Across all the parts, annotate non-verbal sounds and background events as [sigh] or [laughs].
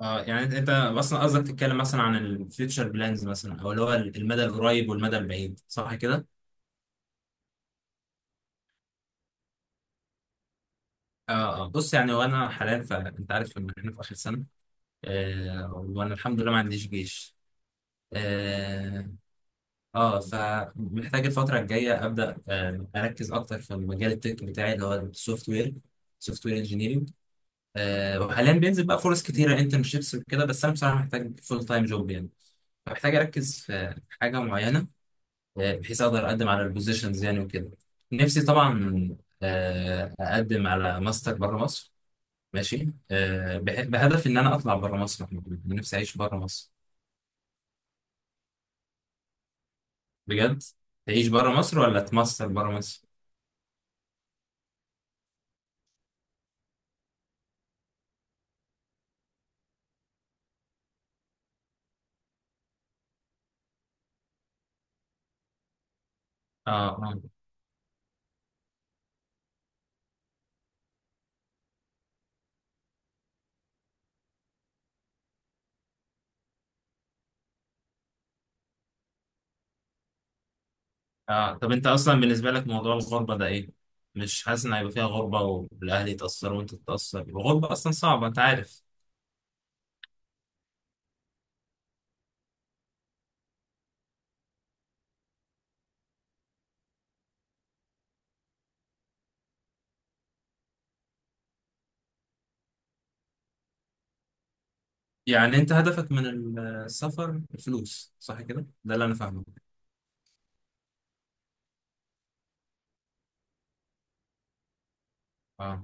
اه، يعني أنت اصلا قصدك تتكلم مثلا عن الفيوتشر بلانز، مثلا او اللي هو المدى القريب والمدى البعيد، صح كده؟ اه، اه، بص يعني، وانا حاليا فانت عارف ان احنا في اخر سنه. وانا الحمد لله ما عنديش جيش. اه, فمحتاج الفتره الجايه ابدا اركز اكتر في المجال التك بتاعي، اللي هو السوفت وير سوفت وير انجينيرنج. وحاليا بينزل بقى فرص كتيره، انترنشيبس وكده، بس انا بصراحه محتاج فول تايم جوب يعني. فمحتاج اركز في حاجه معينه، بحيث اقدر اقدم على البوزيشنز يعني وكده. نفسي طبعا اقدم على ماستر بره مصر. ماشي، بهدف ان انا اطلع بره مصر، محمود. نفسي اعيش بره مصر بجد. تعيش بره مصر ولا تماستر بره مصر؟ اه، اه، اه، طب انت اصلا بالنسبه لك موضوع الغربه ده ايه؟ مش حاسس ان هيبقى فيها غربه والاهل يتاثروا وانت تتاثر؟ الغربه اصلا صعبه انت عارف. يعني انت هدفك من السفر الفلوس، صح كده؟ ده اللي انا فاهمه. اه،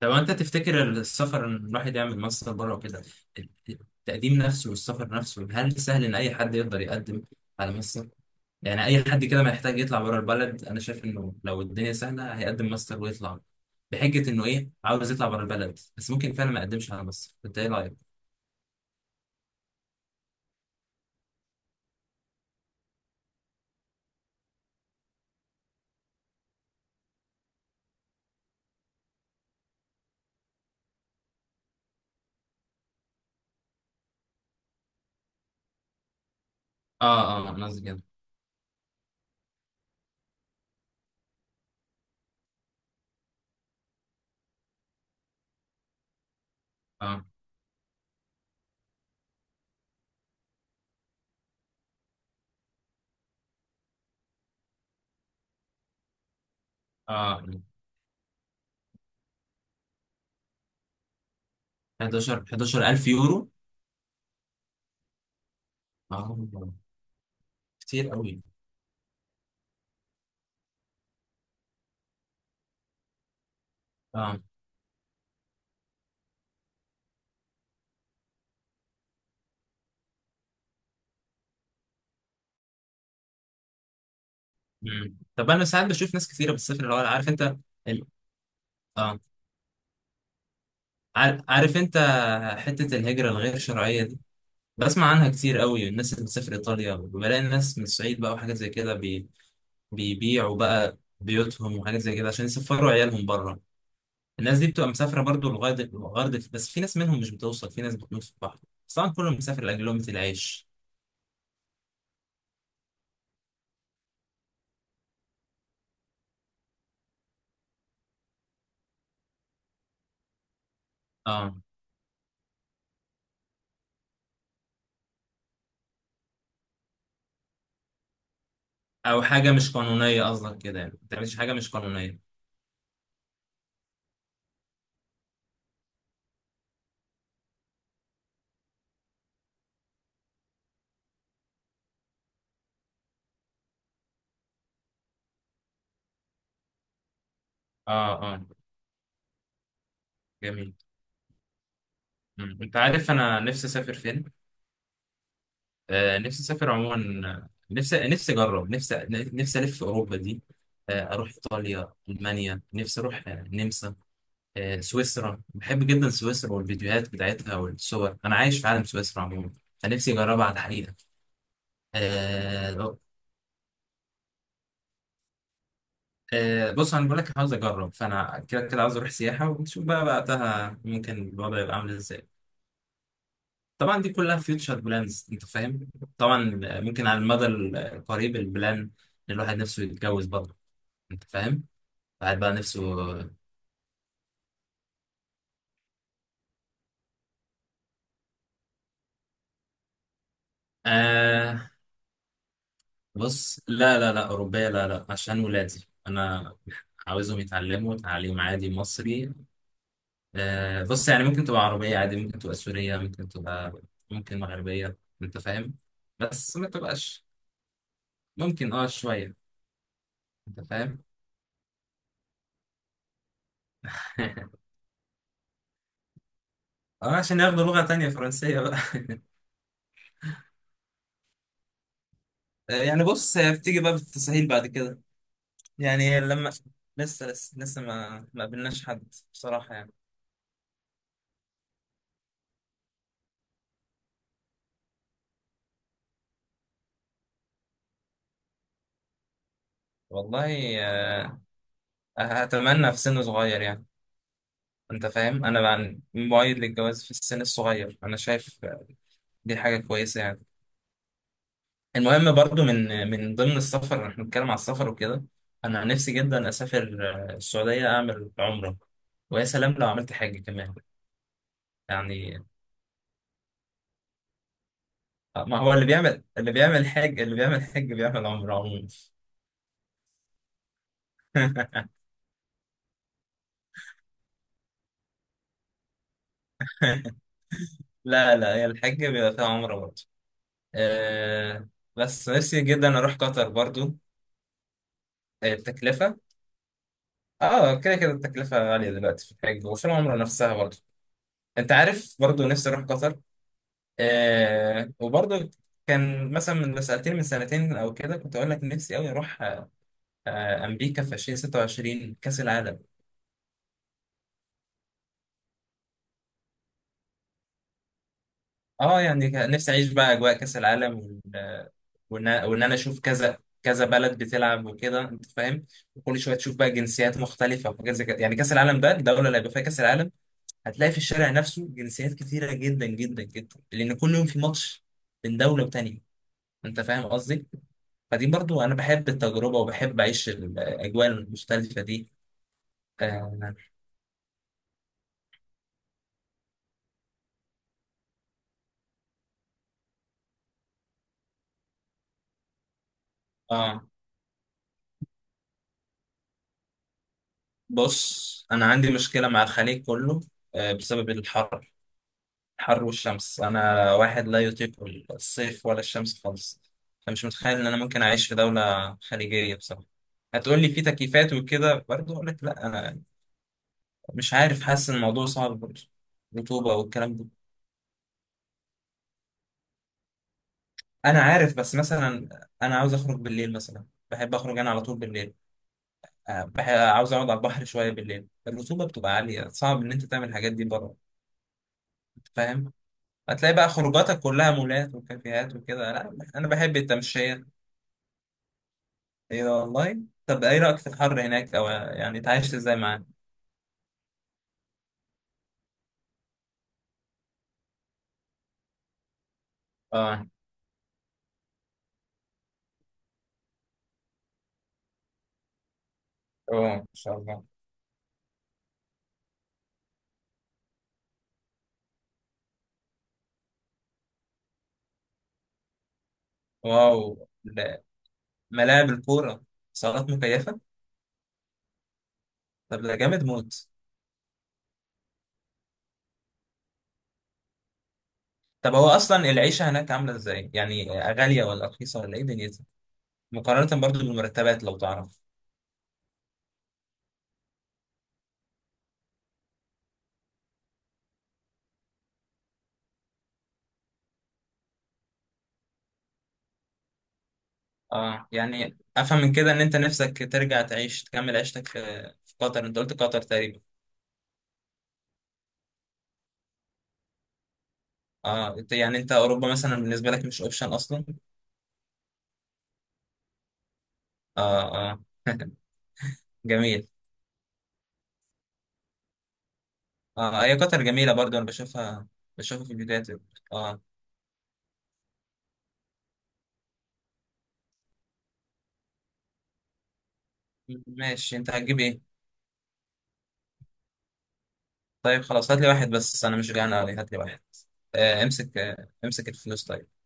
طب انت تفتكر السفر، ان الواحد يعمل ماستر بره وكده، التقديم نفسه والسفر نفسه، هل سهل ان اي حد يقدر يقدم على ماستر؟ يعني اي حد كده ما يحتاج يطلع بره البلد؟ انا شايف انه لو الدنيا سهله هيقدم ماستر ويطلع بحجه انه ايه، عاوز يطلع بره البلد، بس ممكن فعلا ما يقدمش على ماستر. انت ايه رايك؟ اه، اه، انا قصدي كده. اه، اه، 11 11000 يورو؟ اه، كتير قوي. اه. مم. طب انا ساعات بشوف ناس كتيره بتسافر، اللي هو عارف انت ال... اه عارف انت حتة الهجرة الغير شرعية دي، بسمع عنها كتير قوي. الناس اللي بتسافر ايطاليا، وبلاقي الناس من الصعيد بقى وحاجات زي كده، بيبيعوا بقى بيوتهم وحاجات زي كده عشان يسفروا عيالهم بره. الناس دي بتبقى مسافرة برضو، لغاية بس في ناس منهم مش بتوصل، في ناس بتموت في البحر. بس طبعا كله مسافر لأجل لقمة العيش. اه، او حاجة مش قانونية، قصدك كده يعني؟ ما تعملش حاجة مش قانونية. اه، اه، جميل. مم. انت عارف انا نفسي اسافر فين؟ نفسي اسافر عموما، نفسي اجرب، نفسي الف في اوروبا دي. اروح ايطاليا، المانيا، نفسي اروح النمسا، سويسرا. بحب جدا سويسرا والفيديوهات بتاعتها والصور، انا عايش في عالم سويسرا عموما. فنفسي اجربها على الحقيقه. آه، بص انا بقول لك عاوز اجرب، فانا كده كده عاوز اروح سياحه، ونشوف بقى وقتها ممكن الوضع يبقى عامل ازاي. طبعا دي كلها فيوتشر بلانز، انت فاهم. طبعا ممكن على المدى القريب البلان إن الواحد نفسه يتجوز برضه، انت فاهم. الواحد بقى نفسه. آه بص، لا، لا، لا، أوروبية، لا، لا، عشان ولادي أنا عاوزهم يتعلموا تعليم عادي مصري. بص، يعني ممكن تبقى عربية عادي، ممكن تبقى سورية، ممكن تبقى، ممكن مغربية، أنت فاهم. بس ما تبقاش ممكن شوية. أنت فاهم. [laughs] اه، عشان ياخدوا لغة تانية فرنسية بقى. يعني بص هي بتيجي بقى بالتسهيل بعد كده. يعني لما لسه ما قابلناش حد بصراحة يعني. والله، اتمنى في سن صغير يعني. انت فاهم، انا مؤيد للجواز في السن الصغير، انا شايف دي حاجه كويسه يعني. المهم برضو من ضمن السفر، احنا بنتكلم على السفر وكده، انا نفسي جدا اسافر السعوديه اعمل عمره، ويا سلام لو عملت حج كمان يعني. ما هو اللي بيعمل حج بيعمل عمره عموما. [laughs] لا، لا، هي الحج بيبقى فيها عمره برضو. أه بس نفسي جدا اروح قطر برضو. التكلفه، اه كده كده التكلفة غالية دلوقتي في الحج وفي العمرة نفسها برضه. انت عارف، برضه نفسي اروح قطر. وبرضه كان مثلا، من لو سألتني من سنتين او كده، كنت اقول لك نفسي قوي اروح امريكا في 2026 كأس العالم. اه، يعني كان نفسي اعيش بقى اجواء كأس العالم، وان انا اشوف كذا كذا بلد بتلعب وكده، انت فاهم. وكل شويه تشوف بقى جنسيات مختلفه وحاجات زي كده يعني. كاس العالم ده، الدوله اللي هيبقى فيها كاس العالم، هتلاقي في الشارع نفسه جنسيات كتيرة جدا جدا جدا، لأن كل يوم في ماتش من دولة وتانية. أنت فاهم قصدي؟ فدي برضو أنا بحب التجربة وبحب أعيش الأجواء المختلفة دي. آه, آه بص، أنا عندي مشكلة مع الخليج كله، بسبب الحر. الحر والشمس، أنا واحد لا يطيق الصيف ولا الشمس خالص. فمش متخيل إن أنا ممكن أعيش في دولة خليجية بصراحة. هتقول لي في تكييفات وكده، برضه أقول لك لا، انا مش عارف، حاسس ان الموضوع صعب برضه. رطوبة والكلام ده، انا عارف، بس مثلا انا عاوز اخرج بالليل مثلا، بحب اخرج انا على طول بالليل. عاوز اقعد على البحر شوية بالليل، الرطوبة بتبقى عالية، صعب ان انت تعمل الحاجات دي بره. أنت فاهم. هتلاقي بقى خروجاتك كلها مولات وكافيهات وكده، لا انا بحب التمشية. ايه ده، والله؟ طب ايه رأيك في الحر هناك، او يعني اتعايشت ازاي معاه؟ اه، اه، ان شاء الله. واو، لا، ملاعب الكورة، صالات مكيفة؟ طب ده جامد موت. طب هو اصلا العيشه هناك عامله ازاي؟ يعني غاليه ولا رخيصه ولا ايه دنيتها؟ مقارنه برضو بالمرتبات، لو تعرف. اه، يعني افهم من كده ان انت نفسك ترجع تعيش تكمل عيشتك في، في قطر. انت قلت قطر تقريبا. اه، يعني انت اوروبا مثلا بالنسبه لك مش اوبشن اصلا. اه، اه. [laughs] جميل. اه، هي قطر جميله برضو، انا بشوفها، بشوفها في الفيديوهات. اه. ماشي، انت هتجيب ايه؟ طيب خلاص هات لي واحد، بس انا مش جعان قوي، هات لي واحد. امسك، امسك الفلوس طيب.